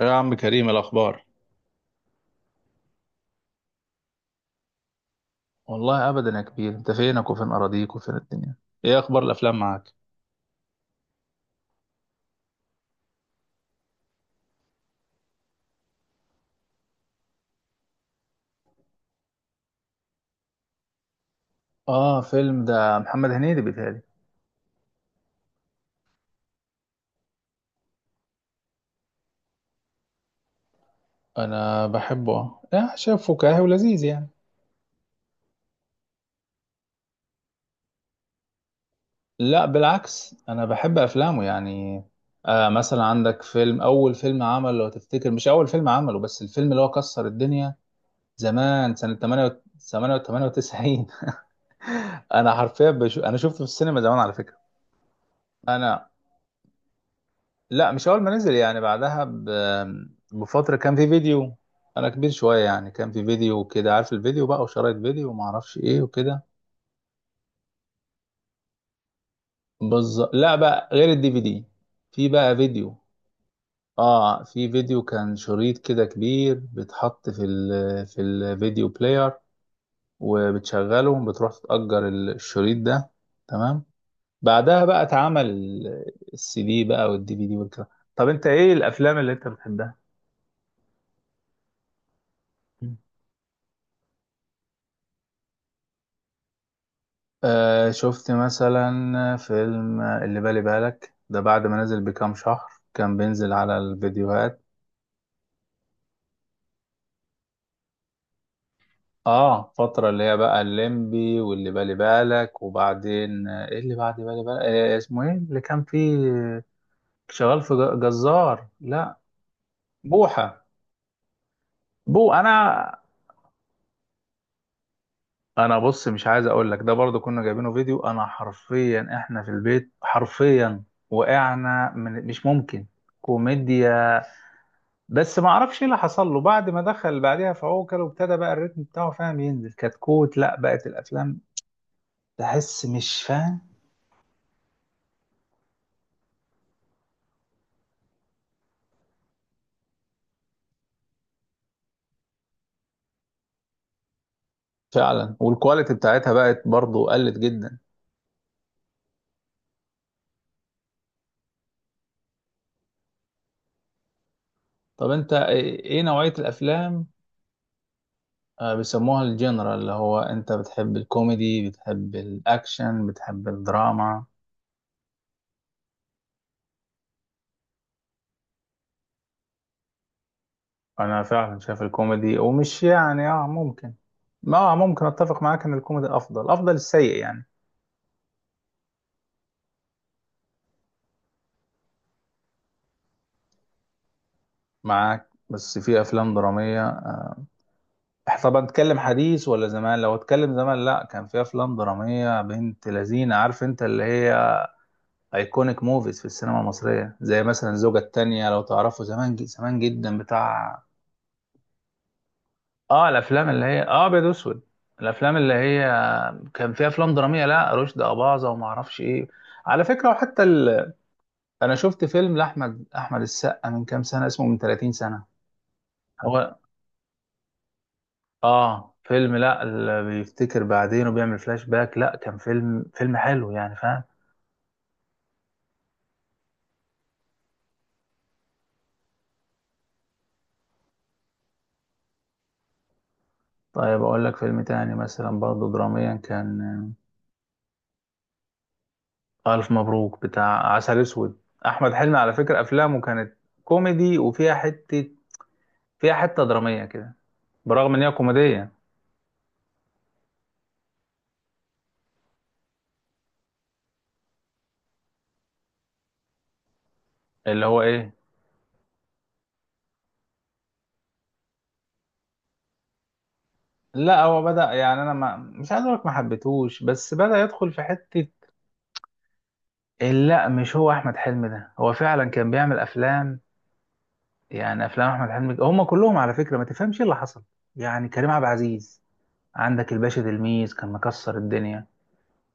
يا عم كريم، الأخبار. والله ابدا يا كبير، انت فينك وفين اراضيك وفين الدنيا؟ إيه أخبار الأفلام معاك؟ اه، فيلم ده محمد هنيدي بيتهيألي. أنا بحبه، يعني شايف فكاهي ولذيذ يعني. لا، بالعكس انا بحب افلامه يعني. مثلا عندك فيلم، اول فيلم عمل، لو تفتكر. مش اول فيلم عمله، بس الفيلم اللي هو كسر الدنيا زمان، سنة 98. انا حرفيا بشو... انا شفته في السينما زمان على فكرة. انا لا، مش اول ما نزل، يعني بعدها بفتره كان في فيديو. انا كبير شويه، يعني كان في فيديو كده، عارف الفيديو بقى، وشرايط فيديو وما اعرفش ايه وكده. بالظبط، لا بقى، غير الـDVD. في بقى فيديو. اه، في فيديو كان شريط كده كبير، بيتحط في في الفيديو بلاير، وبتشغله، بتروح تتأجر الشريط ده. تمام. بعدها بقى اتعمل الـCD بقى، والدي في دي والكلام. طب انت ايه الافلام اللي انت بتحبها؟ شفت مثلا فيلم اللي بالي بالك ده، بعد ما نزل بكام شهر كان بينزل على الفيديوهات. اه، فترة اللي هي بقى الليمبي، واللي بالي بالك، وبعدين ايه اللي بعد بالي بالك؟ اسمه ايه اللي كان فيه شغال في جزار؟ لا. بوحة. انا، انا بص، مش عايز اقول لك، ده برضو كنا جايبينه فيديو، انا حرفيا احنا في البيت حرفيا وقعنا من، مش ممكن، كوميديا. بس ما اعرفش ايه اللي حصل له بعد ما دخل بعدها في عوكل، وابتدى بقى الريتم بتاعه، فاهم، ينزل كتكوت، لا بقت الافلام تحس مش فاهم. فعلا، والكواليتي بتاعتها بقت برضو قلت جدا. طب انت ايه، نوعية الافلام، بيسموها الجنرال، اللي هو انت بتحب الكوميدي، بتحب الاكشن، بتحب الدراما؟ انا فعلا شايف الكوميدي، ومش يعني، ممكن ما آه، ممكن اتفق معاك ان الكوميدي افضل، افضل السيء يعني. معاك، بس في افلام درامية. طب هنتكلم حديث ولا زمان؟ لو اتكلم زمان، لا كان في افلام دراميه بنت لذينه، عارف انت، اللي هي ايكونيك موفيز في السينما المصريه، زي مثلا الزوجه التانية لو تعرفوا، زمان زمان جدا، بتاع اه الافلام اللي هي اه ابيض واسود. الافلام اللي هي كان فيها افلام دراميه، لا رشدي اباظه وما اعرفش ايه، على فكره. انا شفت فيلم لاحمد، احمد السقا، من كام سنه، اسمه من 30 سنه. هو، اه فيلم، لا، اللي بيفتكر بعدين وبيعمل فلاش باك، لا كان فيلم، حلو يعني، فاهم. طيب اقول لك فيلم تاني مثلا برضه دراميا كان، الف مبروك، بتاع عسل اسود. احمد حلمي على فكرة افلامه كانت كوميدي وفيها حتة، فيها حتة درامية كده، برغم ان هي كوميدية. اللي هو ايه؟ لا، هو بدأ يعني انا، ما، مش عايز اقول لك ما حبيتهوش، بس بدأ يدخل في حتة لا، مش هو احمد حلمي، ده هو فعلا كان بيعمل افلام، يعني افلام احمد حلمي هم كلهم على فكره، ما تفهمش ايه اللي حصل. يعني كريم عبد العزيز، عندك الباشا تلميذ كان مكسر الدنيا،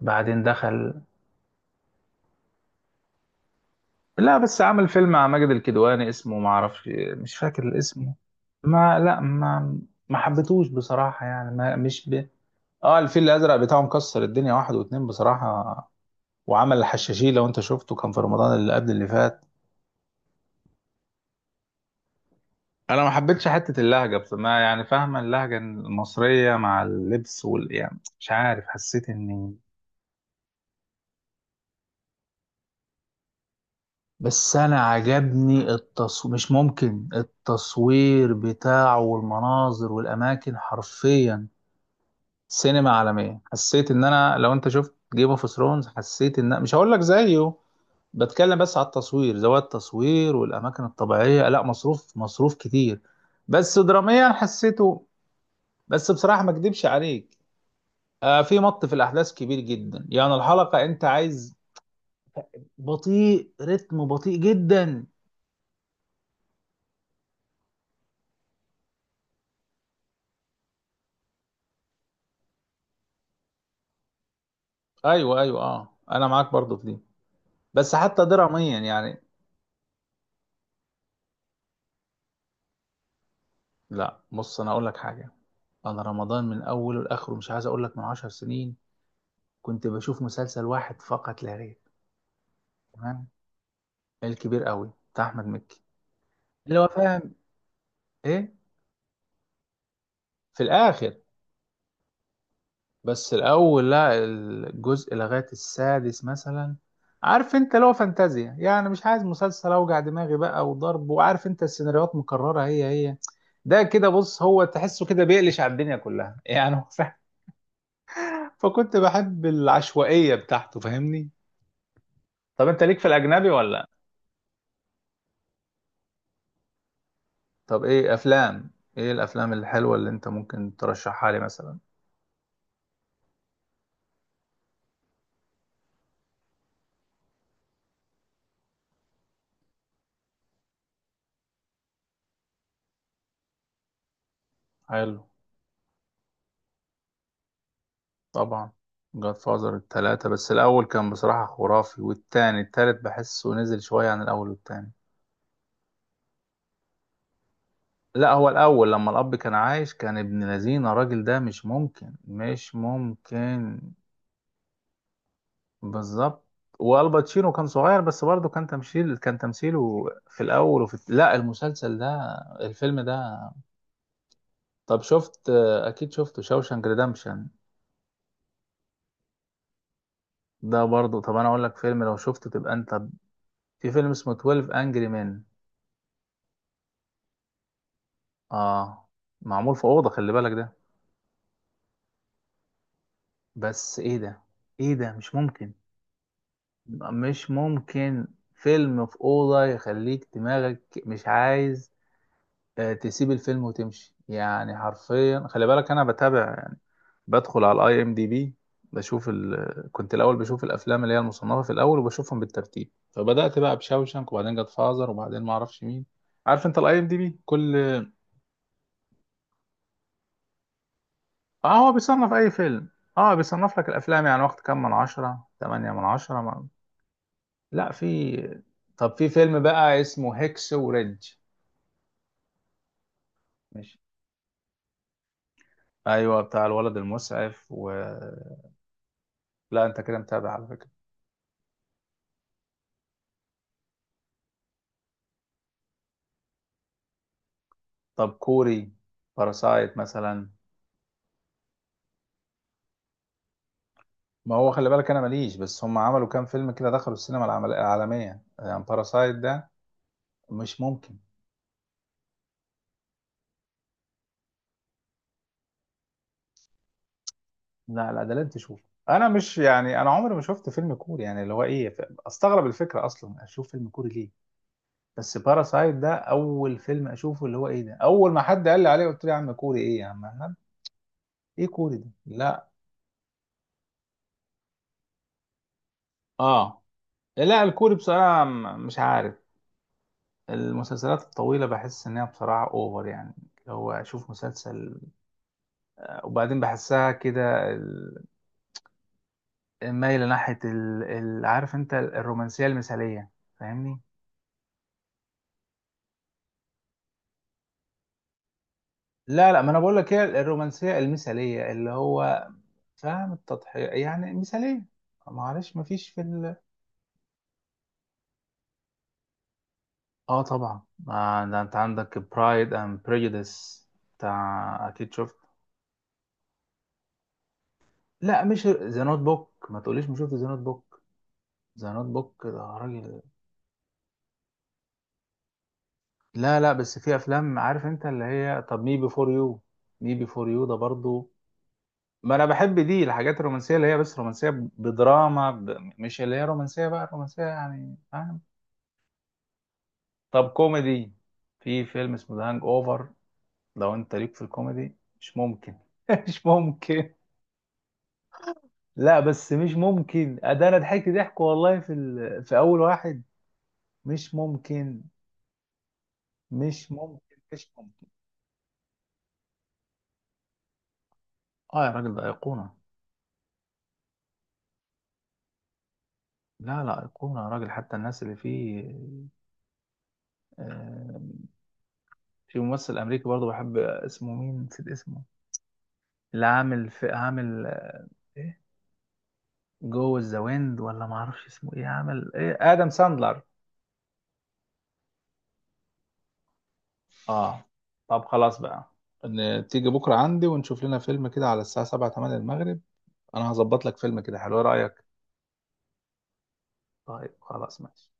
بعدين دخل. لا بس عمل فيلم مع ماجد الكدواني اسمه ما اعرفش، مش فاكر الاسم. ما، لا، ما حبيتهوش بصراحه يعني، ما، مش ب... اه، الفيل الازرق بتاعه مكسر الدنيا، واحد واتنين بصراحه. وعمل الحشاشين لو انت شفته، كان في رمضان اللي قبل اللي فات. انا ما حبيتش حته اللهجه، بس ما يعني فاهمه اللهجه المصريه مع اللبس يعني، مش عارف، حسيت اني، بس انا عجبني التصوير، مش ممكن التصوير بتاعه والمناظر والاماكن حرفيا. سينما عالميه، حسيت ان انا لو انت شفت جيم اوف ثرونز، حسيت ان، مش هقول لك زيه، بتكلم بس على التصوير، زوايا التصوير والاماكن الطبيعيه، لا مصروف مصروف كتير، بس دراميا حسيته. بس بصراحه ما اكدبش عليك، في الأحداث كبير جدا يعني، الحلقة أنت عايز، رتم بطيء جدا. أيوه، أيوه، أنا معاك برضو في دي، بس حتى دراميا يعني. لا، بص أنا أقول لك حاجة. أنا رمضان من أوله لآخره، مش عايز أقول لك من 10 سنين، كنت بشوف مسلسل واحد فقط لا غير. تمام. الكبير قوي بتاع أحمد مكي، اللي هو، فاهم، إيه في الآخر. بس الأول، لا، الجزء لغاية السادس مثلا، عارف انت، لو فانتازيا يعني، مش عايز مسلسل اوجع دماغي بقى وضرب، وعارف انت السيناريوهات مكررة هي هي، ده كده، بص هو تحسه كده بيقلش على الدنيا كلها يعني، هو فاهم، فكنت بحب العشوائية بتاعته فاهمني. طب انت ليك في الأجنبي ولا لأ؟ طب ايه أفلام، ايه الأفلام الحلوة اللي انت ممكن ترشحها لي مثلا؟ حلو. طبعا. جاد فازر التلاتة، بس الأول كان بصراحة خرافي، والتاني التالت بحسه نزل شوية عن الأول والتاني. لا، هو الأول لما الأب كان عايش كان ابن لذينة، الراجل ده مش ممكن، مش ممكن. بالظبط. والباتشينو كان صغير بس برضه كان تمثيله في الأول، وفي، لا، المسلسل ده، الفيلم ده. طب شفت، أكيد شفته، شوشانك ريدمشن؟ ده برضه. طب أنا أقول لك فيلم لو شفته تبقى أنت، في فيلم اسمه 12 أنجري مان. اه، معمول في اوضه، خلي بالك ده. بس ايه ده، ايه ده، مش ممكن، مش ممكن. فيلم في اوضه يخليك دماغك مش عايز، تسيب الفيلم وتمشي، يعني حرفيا خلي بالك انا بتابع يعني، بدخل على الـIMDb، كنت الاول بشوف الافلام اللي هي المصنفه في الاول، وبشوفهم بالترتيب، فبدات بقى بشاوشنك، وبعدين جت فازر، وبعدين ما اعرفش مين، عارف انت الـIMDb، كل اه هو بيصنف اي فيلم. اه بيصنف لك الافلام يعني، واخد كام من عشرة، 8/10، ما... لا في، طب في فيلم بقى اسمه هيكس وريدج. ماشي. ايوه، بتاع الولد المسعف لا انت كده متابع على فكرة. طب كوري، باراسايت مثلا. ما هو خلي بالك، انا ماليش، بس هم عملوا كام فيلم كده دخلوا السينما العالمية، يعني باراسايت ده مش ممكن. لا لا، ده لازم تشوفه. انا مش يعني انا عمري ما شفت فيلم كوري، يعني اللي هو ايه، استغرب الفكرة اصلا اشوف فيلم كوري ليه. بس باراسايت ده اول فيلم اشوفه اللي هو ايه، ده اول ما حد قال لي عليه قلت له يا عم، كوري ايه يا عم أحمد؟ ايه كوري ده؟ لا. اه. لا الكوري بصراحه مش عارف، المسلسلات الطويله بحس انها بصراحه اوفر يعني، اللي هو اشوف مسلسل وبعدين بحسها كده مايله ناحيه عارف انت الرومانسيه المثاليه، فاهمني؟ لا لا، ما انا بقول لك هي الرومانسيه المثاليه، اللي هو فاهم، التضحيه يعني مثاليه، معلش، ما فيش في ال... اه، طبعا. ده انت عندك برايد اند بريجوديس بتاع، اكيد شفت. لا، مش ذا نوت بوك، ما تقوليش ما شفت ذا نوت بوك، ذا نوت بوك ده راجل. لا لا، بس في افلام، عارف انت اللي هي، طب مي بيفور يو، مي بيفور يو ده برضو، ما انا بحب دي الحاجات الرومانسيه، اللي هي بس رومانسيه بدراما ب... مش اللي هي رومانسيه بقى رومانسيه يعني، فاهم. طب كوميدي، في فيلم اسمه ذا هانج اوفر، لو انت ليك في الكوميدي مش ممكن. مش ممكن، لا، بس مش ممكن ده، انا ضحكت ضحك والله في ال... في اول واحد، مش ممكن، مش ممكن، مش ممكن. اه، يا راجل ده ايقونه. لا لا، ايقونه يا راجل، حتى الناس اللي فيه. آه في ممثل امريكي برضه بحب اسمه، مين، نسيت اسمه، اللي عامل في، عامل ايه، جو ذا ويند، ولا ما اعرفش اسمه ايه، عامل ايه، ادم ساندلر. اه، طب خلاص بقى، ان تيجي بكره عندي ونشوف لنا فيلم كده على الساعه 7 8 المغرب، انا هظبط لك فيلم كده حلو. ايه رايك؟ طيب، خلاص، ماشي.